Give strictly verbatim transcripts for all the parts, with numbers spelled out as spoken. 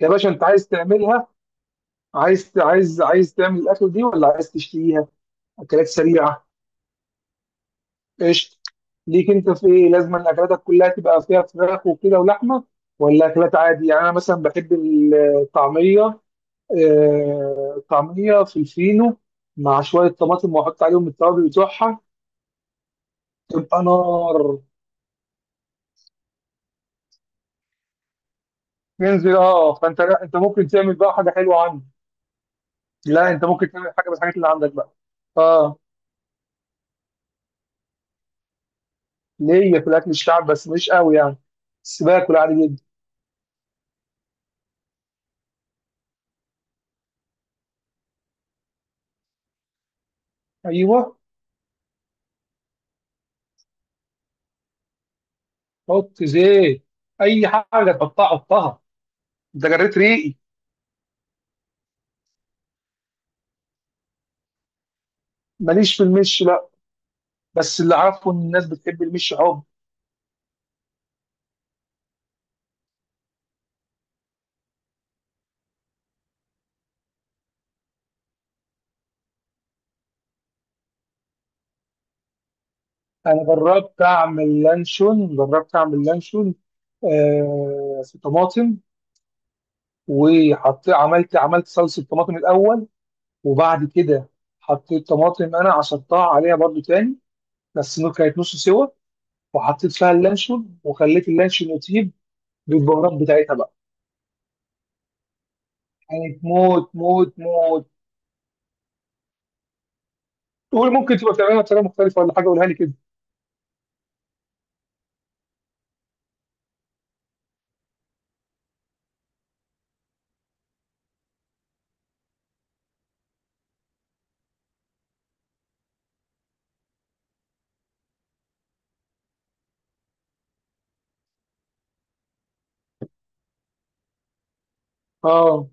يا باشا انت عايز تعملها؟ عايز عايز عايز تعمل الاكل دي ولا عايز تشتريها؟ اكلات سريعه. قشطه. ليك انت في ايه؟ لازم ان اكلاتك كلها تبقى فيها فراخ وكده ولحمه، ولا اكلات عادي؟ يعني انا مثلا بحب الطعميه. آه، الطعميه في الفينو مع شويه طماطم، واحط عليهم التوابل بتوعها، تبقى نار. ينزل اه. فانت، لا، انت ممكن تعمل بقى حاجه حلوه عندك. لا، انت ممكن تعمل حاجه بس الحاجات اللي عندك بقى. اه. ليا في الاكل الشعب بس مش قوي يعني، بس باكل عادي جدا. ايوه. حط زيت، اي حاجه تحطها حطها. انت جريت ريقي. ماليش في المش، لا، بس اللي عارفه ان الناس بتحب المش حب. انا جربت اعمل لانشون، جربت اعمل لانشون آه في طماطم. وحط عملت عملت صلصه طماطم الاول، وبعد كده حطيت طماطم، انا عصرتها عليها برضو تاني. بس نو- كانت نص سوا، وحطيت فيها اللانشون، وخليت اللانشون يطيب بالبهارات بتاعتها بقى. كانت موت موت موت. تقول ممكن تبقى بتعملها بطريقه مختلفه ولا حاجه؟ قولها لي كده. اه.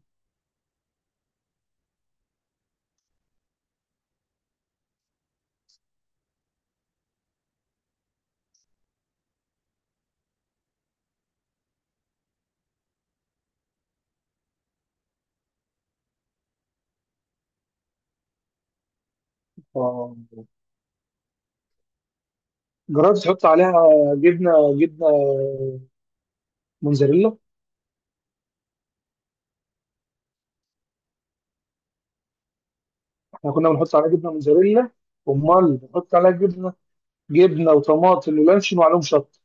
اه. جربت تحط عليها جبنه؟ جبنه موتزاريلا احنا كنا بنحط عليها جبنه موتزاريلا. امال بنحط عليها جبنه؟ جبنه وطماطم ولانشون، وعليهم شطه.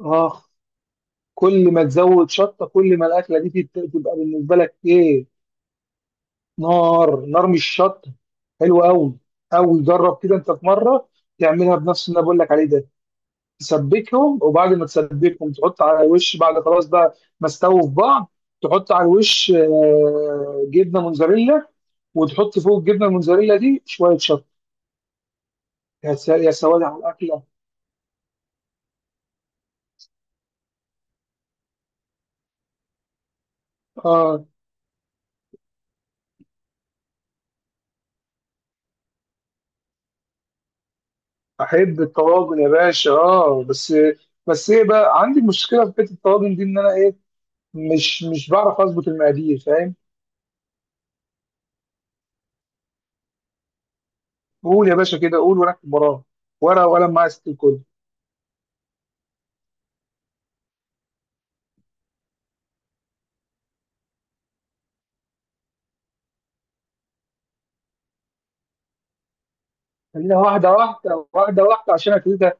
اخ. كل ما تزود شطه كل ما الاكله دي تت- تبقى بالنسبه لك ايه؟ نار، نار مش شطه. حلو قوي، قوي. جرب كده انت في مره، تعملها بنفس اللي انا بقول لك عليه ده. تسبكهم، وبعد ما تسبكهم تحط على الوش بعد خلاص بقى ما استووا في بعض. تحط على الوش آه، جبنه موتزاريلا، وتحط فوق الجبنه الموتزاريلا دي شويه شطه. يا س- يا سواد على الاكله. اه، احب الطواجن يا باشا، اه. بس، بس ايه بقى، عندي مشكله في حته الطواجن دي، ان انا ايه، مش مش بعرف اظبط المقادير، فاهم؟ قول يا باشا كده، قول وانا اكتب وراك. ورقه وقلم معايا ست الكل. خلينا واحده واحده واحده واحده عشان ابتدي.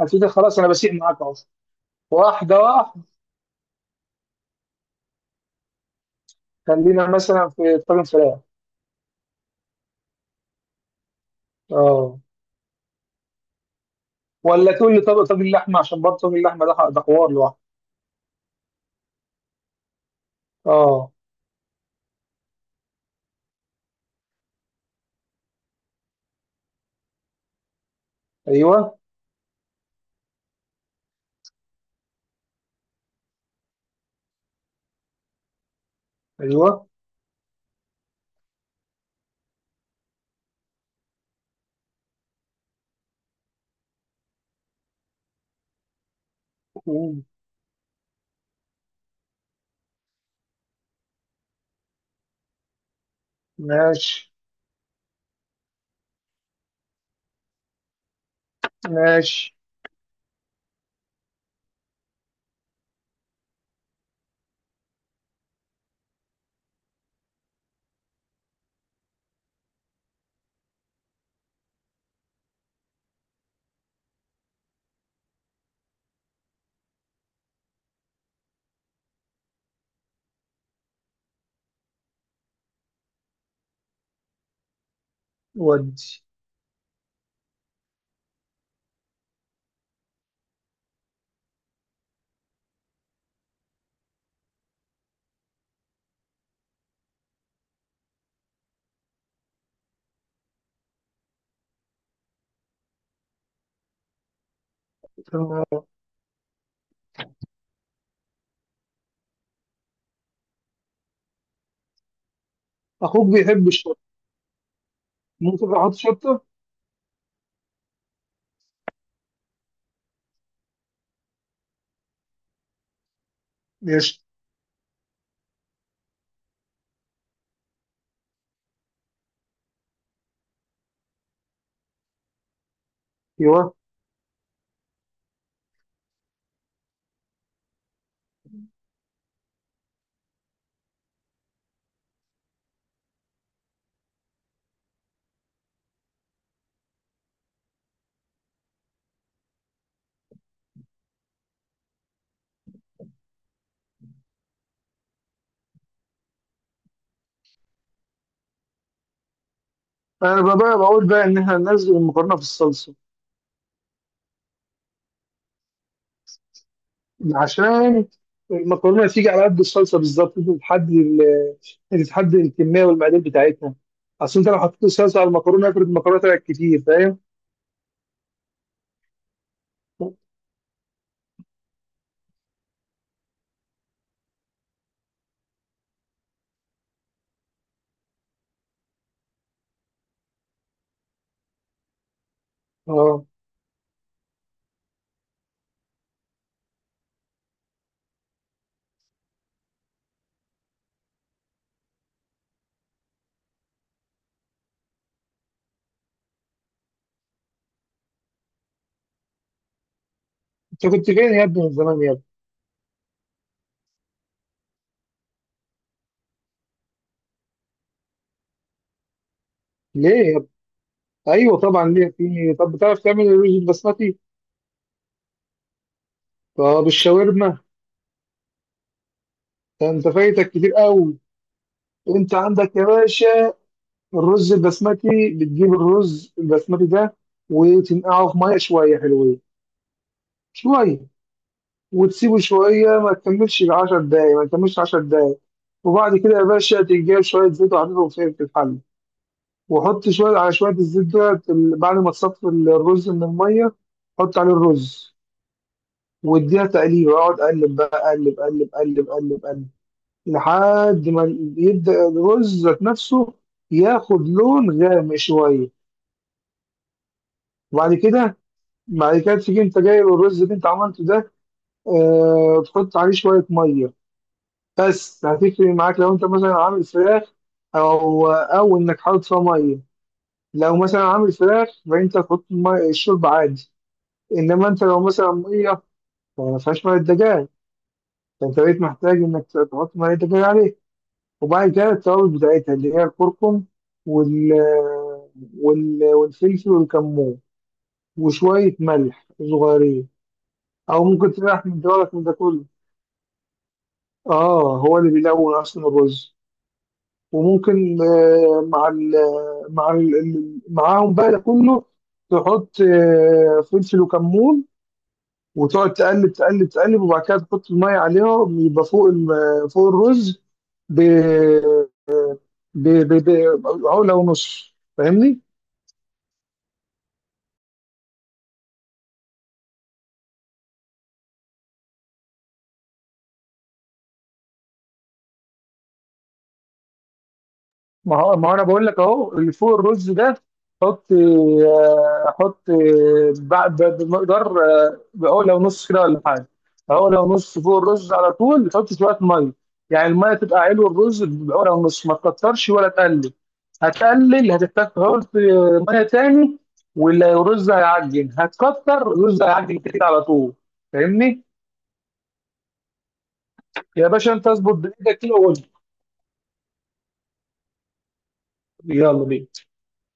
ابتدي خلاص، انا بسيء معاك اهو. واحدة واحدة. خلينا مثلا في طاجن فراخ. اه. ولا تقول لي طب طاجن لحمة، عشان برضه طاجن اللحمة ده ده حوار لوحده. اه. ايوه. ايوه. مم. ماشي. ماشي. ودي. تمام. اخوك بيحب الشطة، ممكن احط شطة؟ قشطة. ايوه. انا بقى بقى بقول بقى ان احنا ننزل المكرونة في الصلصة، عشان المكرونة تيجي على قد الصلصة بالظبط. انت تحدد ال- انت تحدد الكمية والمقادير بتاعتها. اصل انت لو حطيت الصلصة على المكرونة، افرض المكرونة طلعت كتير، فاهم؟ اه. انت كنت فين يا ابني من زمان يا ابني؟ ليه يا ابني؟ ايوه طبعا ليه في. طب بتعرف تعمل الرز البسمتي؟ طب الشاورما؟ ده انت فايتك كتير قوي. انت عندك يا باشا الرز البسمتي، بتجيب الرز البسمتي ده وتنقعه في ميه شويه حلوين. شويه، وتسيبه شويه، ما تكملش عشر دقايق، ما تكملش عشر دقايق. وبعد كده يا باشا تجيب شويه زيت، وحطيتهم في في الحله وحط شويه على شويه الزيت ده بعد ما تصفي الرز من الميه. حط عليه الرز، واديها تقليب. اقعد اقلب بقى، اقلب اقلب اقلب اقلب اقلب، لحد ما يبدا الرز ذات نفسه ياخد لون غامق شويه. وبعد كده، بعد كده تيجي انت جايب الرز اللي انت عملته ده، آه تحط عليه شويه ميه. بس هتفرق معاك لو انت مثلا عامل فراخ، او او انك حاطط فيها ميه. لو مثلا عامل فراخ، فانت تحط المية- الشوربه عادي. انما انت لو مثلا ميه، فما فيهاش ميه دجاج، فانت بقيت محتاج انك تحط ميه دجاج عليه. وبعد كده التوابل بتاعتها، اللي هي الكركم، وال وال والفلفل والكمون وشوية ملح صغيرين. أو ممكن تلاح من دولك من ده كله. آه، هو اللي بيلون أصلا الرز. وممكن آه مع ال مع ال ال- معاهم بقى ده كله، تحط آه فلفل وكمون، وتقعد تقلب تقلب تقلب. وبعد كده تحط المية عليهم، يبقى فوق الم- فوق الرز ب ب- ب- ب- عقلة ونص، فاهمني؟ ما هو، ما هو انا بقول لك اهو اللي فوق الرز ده، حط آه، حط آه، بع- ب- بمقدار آه، بقول لو نص كده ولا حاجه. اهو لو نص فوق الرز على طول، حط شويه ميه. يعني الميه تبقى علو الرز، بقول لو نص، ما تكترش ولا تقلل. هتقلل هتحتاج تحط آه، ميه تاني، والرز هيعجن. هتكتر الرز هيعجن كده على طول، فاهمني؟ يا باشا انت اظبط بايدك كده وقول لي. يلا بينا.